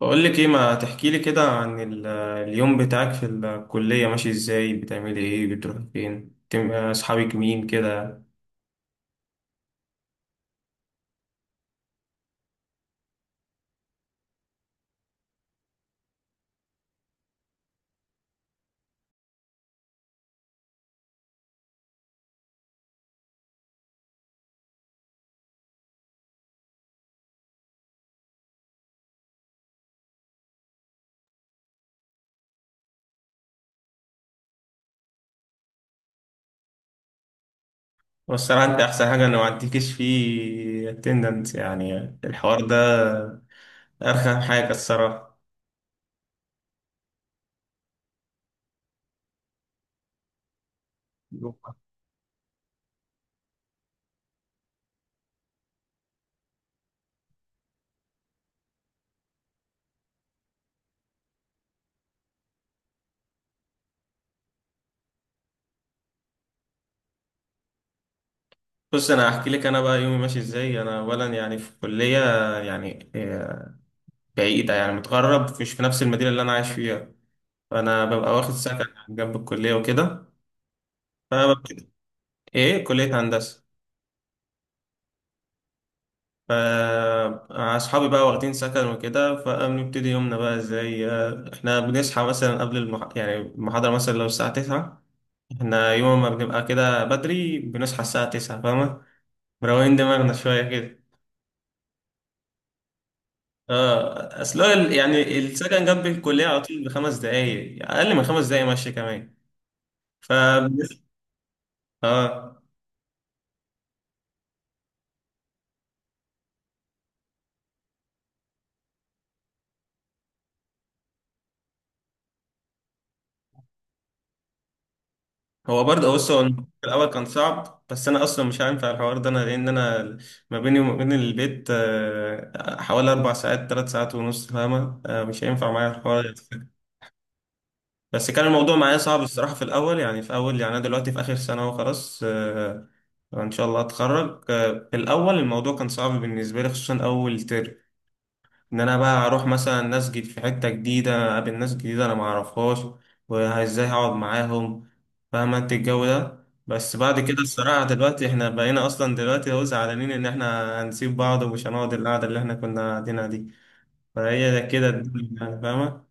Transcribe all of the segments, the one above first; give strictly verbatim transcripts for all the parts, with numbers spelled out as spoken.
بقول لك ايه، ما تحكي لي كده عن ال- اليوم بتاعك في الكلية، ماشي ازاي، بتعملي ايه، بتروحي فين، تم- اصحابك مين كده. والصراحة انت احسن حاجة انه ما عندكيش فيه اتندنس، يعني الحوار ده ارخم حاجة الصراحة. بص، انا هحكي لك انا بقى يومي ماشي ازاي. انا اولا يعني في كلية يعني آه، بعيدة، يعني متغرب، مش في نفس المدينة اللي انا عايش فيها. فانا ببقى واخد سكن جنب الكلية وكده. فببتدي، ايه، كلية هندسة. فأصحابي بقى واخدين سكن وكده، فبنبتدي يومنا بقى ازاي. آه، احنا بنصحى مثلا قبل المح... يعني المحاضرة مثلا لو الساعة تسعة، احنا يوم ما بنبقى كده بدري بنصحى الساعة تسعة، فاهمة، مروقين دماغنا شوية كده. اه، اصل هو ال- يعني السكن جنب الكلية على طول بخمس دقايق، أقل من خمس دقايق مشي كمان. ف اه هو برضه، بص، هو الموضوع في الأول كان صعب، بس أنا أصلا مش هينفع الحوار ده أنا، لأن أنا ما بيني وما بين البيت آه، حوالي أربع ساعات، تلات ساعات ونص، فاهمة، آه، مش هينفع معايا الحوار ده. بس كان الموضوع معايا صعب الصراحة في الأول، يعني في أول، يعني أنا دلوقتي في آخر سنة وخلاص آه، إن شاء الله أتخرج. آه، في الأول الموضوع كان صعب بالنسبة لي، خصوصا أول ترم، ان انا بقى اروح مثلا اسجد في حته جديده، اقابل ناس جديده انا ما اعرفهاش، وازاي هقعد معاهم، فاهم انت الجو ده. بس بعد كده الصراحه دلوقتي احنا بقينا اصلا دلوقتي هو زعلانين ان احنا هنسيب بعض ومش هنقعد القعده اللي احنا كنا قاعدينها دي. فهي ده كده الدنيا يعني، فاهمه.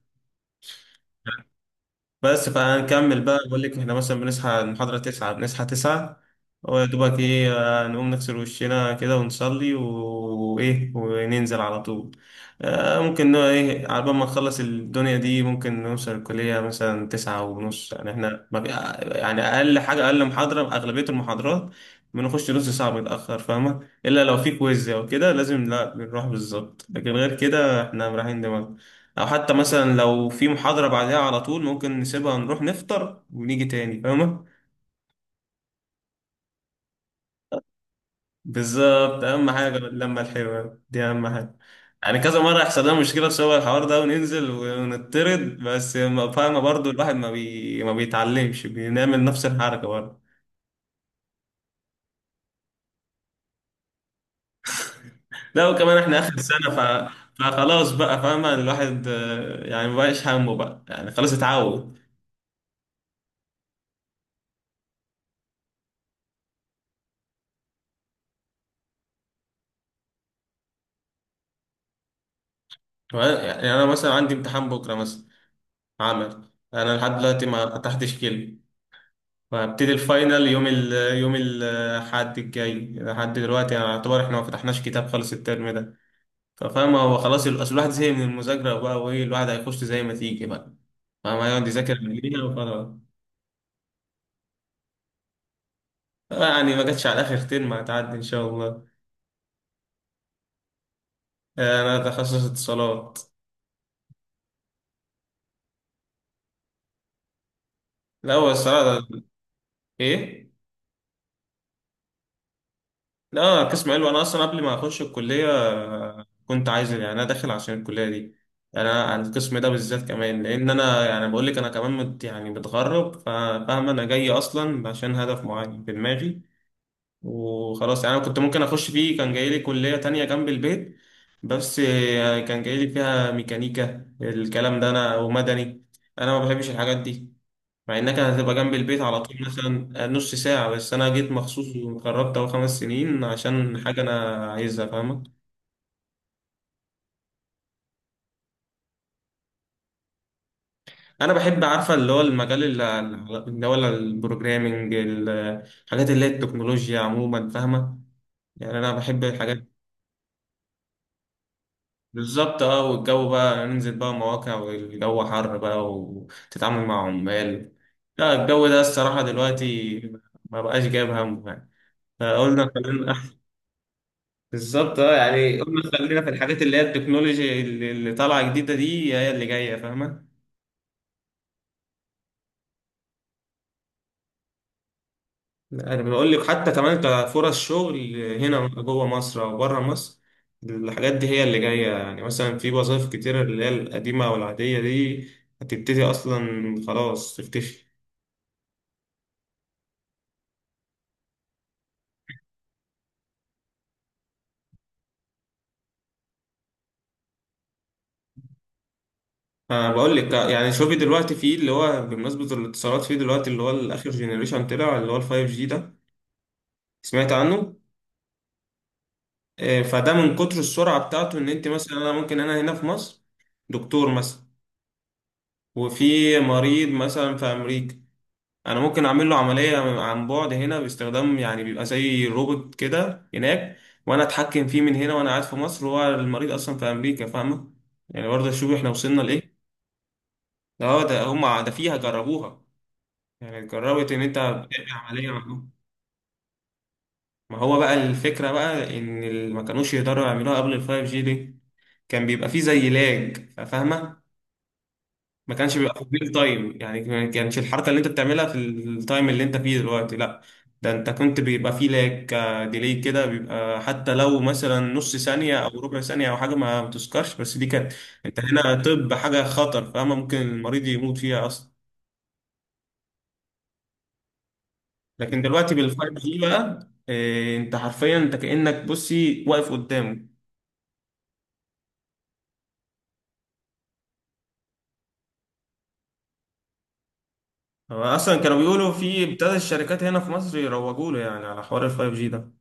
بس فهنكمل بقى، بقول لك احنا مثلا بنصحى المحاضرة تسعة، بنصحى تسعة ويا دوبك ايه، آه، نقوم نغسل وشنا كده ونصلي و- وايه وننزل على طول. آه، ممكن نوع ايه على بال ما نخلص الدنيا دي، ممكن نوصل الكلية مثلا تسعة ونص، يعني احنا ما في- آه، يعني أقل حاجة، أقل محاضرة، أغلبية المحاضرات بنخش نص ساعة بنتأخر، فاهمة، إلا لو في كويز أو كده لازم، لا بنروح بالظبط، لكن غير كده احنا رايحين دماغنا. او حتى مثلا لو في محاضرة بعدها على طول ممكن نسيبها، نروح نفطر ونيجي تاني، فاهمة. بالظبط، اهم حاجة اللمة الحلوة دي اهم حاجة. يعني كذا مرة يحصل لنا مشكلة بسبب الحوار ده وننزل ونطرد، بس ما- فاهمة، برضو الواحد ما بي... ما بيتعلمش، بنعمل نفس الحركة برضه. لا، وكمان احنا اخر سنة ف... فخلاص بقى، فاهمة، الواحد آه، يعني مبقاش همه بقى، يعني خلاص اتعود. يعني انا مثلا عندي امتحان بكرة مثلا، عمل انا لحد دلوقتي ما فتحتش كلمة، وهبتدي الفاينل يوم ال يوم الحد الجاي، لحد دلوقتي يعني يعتبر احنا ما فتحناش كتاب خالص الترم ده. ففاهم، هو خلاص ال- اصل الواحد زهق من المذاكرة بقى، وايه، الواحد هيخش زي ما تيجي بقى، فاهم، هيقعد يذاكر من هنا وخلاص. آه، يعني ما جاتش على اخر ترم، هتعدي ان شاء الله. آه، انا تخصص اتصالات. لا، هو الصراحة ده- ايه، لا قسم علوي. انا اصلا قبل ما اخش الكليه آه، كنت عايز، يعني انا داخل عشان الكليه دي، يعني انا عن القسم ده بالذات كمان، لان انا يعني بقول لك انا كمان مت، يعني متغرب، فاهم، انا جاي اصلا عشان هدف معين في دماغي وخلاص. يعني انا كنت ممكن اخش فيه كان جاي لي كليه تانية جنب البيت، بس آه، كان جاي لي فيها ميكانيكا، الكلام ده، انا ومدني، انا ما بحبش الحاجات دي. مع انك هتبقى جنب البيت على طول مثلا نص ساعة، بس انا جيت مخصوص وجربت اهو خمس سنين عشان حاجة انا عايزها، فاهمة. انا بحب، عارفة، اللي هو المجال اللي اللي هو البروجرامينج، الحاجات اللي هي التكنولوجيا عموما، فاهمة، يعني انا بحب الحاجات. بالظبط، اه، والجو بقى ننزل بقى مواقع، والجو حر بقى، وتتعامل مع عمال، لا الجو ده الصراحة دلوقتي ما بقاش جايب همه يعني، فقلنا خلينا بالظبط، اه، يعني قلنا خلينا في الحاجات اللي هي التكنولوجي اللي اللي طالعه جديده دي هي اللي جايه، فاهمه. انا بقول لك حتى كمان كفرص شغل هنا جوه مصر او بره مصر، الحاجات دي هي اللي جايه، يعني مثلا في وظائف كتير اللي هي القديمه او العاديه دي هتبتدي اصلا خلاص تختفي. أنا بقول لك آه، يعني شوفي دلوقتي، في اللي هو بمناسبة الاتصالات، في دلوقتي اللي هو الآخر جينيريشن طلع اللي هو الفايف جي ده، سمعت عنه؟ إيه، فده من كتر السرعة بتاعته ان انت مثلا، انا ممكن انا هنا في مصر دكتور مثلا، وفي مريض مثلا في امريكا، انا ممكن اعمل له عملية عن بعد هنا باستخدام، يعني بيبقى زي روبوت كده هناك وانا اتحكم فيه من هنا وانا قاعد في مصر، وهو المريض اصلا في امريكا، فاهمة. يعني برضه شوف احنا وصلنا لايه. ده هو ده هم ده فيها جربوها، يعني جربت ان انت بتعمل عملية معاهم. ما هو بقى الفكرة بقى إن ال- ما كانوش يقدروا يعملوها قبل الفايف جي دي، كان بيبقى فيه زي لاج، فاهمة، ما كانش بيبقى في ريل تايم، يعني ما كانش الحركة اللي أنت بتعملها في التايم اللي أنت فيه دلوقتي، لا، ده أنت كنت بيبقى فيه لاج، ديلي كده بيبقى، حتى لو مثلا نص ثانية أو ربع ثانية أو حاجة ما بتذكرش، بس دي كانت أنت هنا، طب حاجة خطر، فاهمة، ممكن المريض يموت فيها أصلا. لكن دلوقتي بالفايف جي بقى إيه، أنت حرفيا أنت كأنك بصي واقف قدامه. هو اصلا كانوا بيقولوا في ابتدى الشركات هنا في مصر يروجوا له، يعني على حوار الفايف جي ده.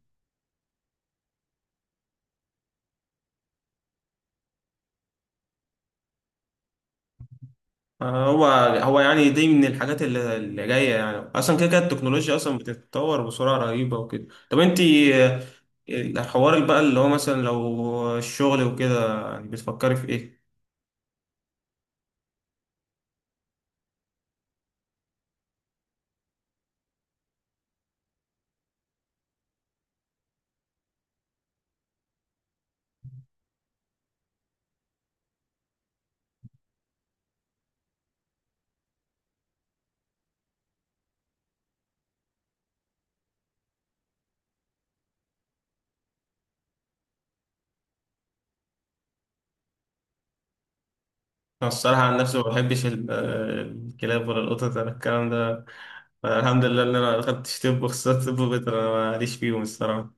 آه، هو هو يعني دي من الحاجات اللي, اللي جايه، يعني اصلا كده كده التكنولوجيا اصلا بتتطور بسرعه رهيبه وكده. طب انت آه، الحوار بقى اللي هو مثلا لو الشغل وكده، يعني بتفكري في ايه؟ انا الصراحه عن نفسي ما بحبش ال- آه، الكلاب ولا القطط ولا الكلام ده، الحمد لله ان انا دخلت طب، وخصوصا طب بيطري، انا ماليش فيهم الصراحه.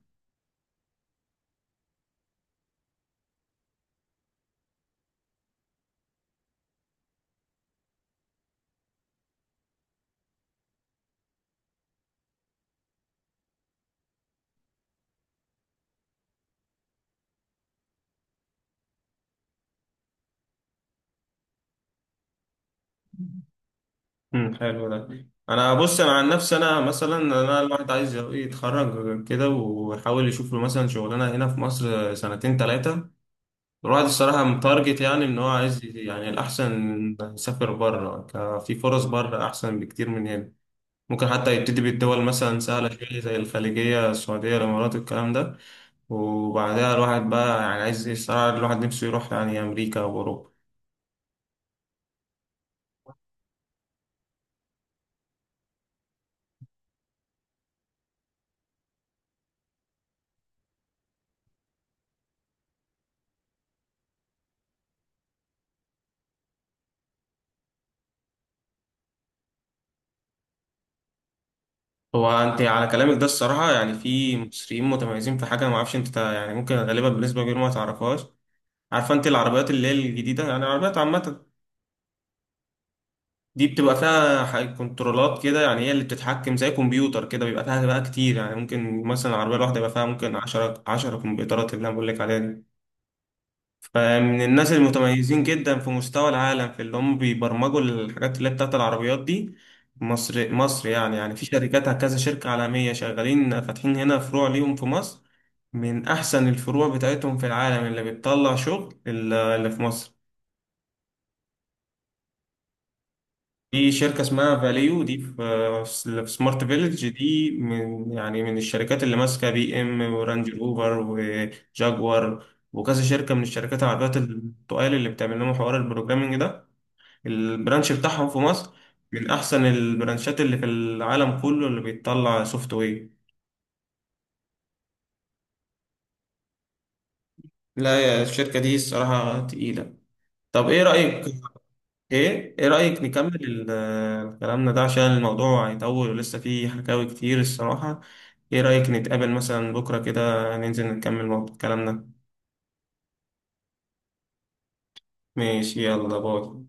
امم، حلو ده. انا بص، انا عن نفسي، انا مثلا انا الواحد عايز يتخرج كده ويحاول يشوف له مثلا شغلانه هنا في مصر سنتين ثلاثه، الواحد الصراحه متارجت، يعني ان هو عايز ي- يعني الاحسن يسافر بره، ك- في فرص بره احسن بكتير من هنا، ممكن حتى يبتدي بالدول مثلا سهله شويه زي الخليجيه، السعوديه، الامارات، الكلام ده، وبعدها الواحد بقى يعني عايز الصراحه الواحد نفسه يروح يعني امريكا واوروبا. هو انت على كلامك ده الصراحه، يعني في مصريين متميزين في حاجه انا ما اعرفش انت تع- يعني ممكن غالبا بالنسبه كبيره ما تعرفهاش. عارفه انت العربيات اللي هي الجديده، يعني العربيات عامه دي بتبقى فيها ح- كنترولات كده، يعني هي اللي بتتحكم زي كمبيوتر كده، بيبقى فيها بقى كتير، يعني ممكن مثلا العربيه الواحده يبقى فيها ممكن 10 10 كمبيوترات، اللي انا بقول لك عليها دي من الناس المتميزين جدا في مستوى العالم، في اللي هم بيبرمجوا الحاجات اللي هي بتاعت العربيات دي. مصر مصر يعني يعني في شركات كذا شركة عالمية شغالين فاتحين هنا فروع ليهم في مصر، من أحسن الفروع بتاعتهم في العالم اللي بتطلع شغل اللي اللي في مصر. في شركة اسمها فاليو دي في في سمارت فيلج، دي من يعني من الشركات اللي ماسكة بي ام ورانج روفر وجاكوار وكذا شركة من الشركات العربيات التقال، اللي بتعمل لهم حوار البروجرامينج ده، البرانش بتاعهم في مصر من أحسن البرانشات اللي في العالم كله اللي بيطلع سوفت وير. لا يا، الشركة دي الصراحة تقيلة. طب إيه رأيك؟ إيه إيه رأيك نكمل ال- آه، كلامنا ده، عشان الموضوع هيطول ولسه فيه حكاوي كتير الصراحة. إيه رأيك نتقابل مثلا بكرة كده، ننزل نكمل موضوع- كلامنا. ماشي، يلا باي.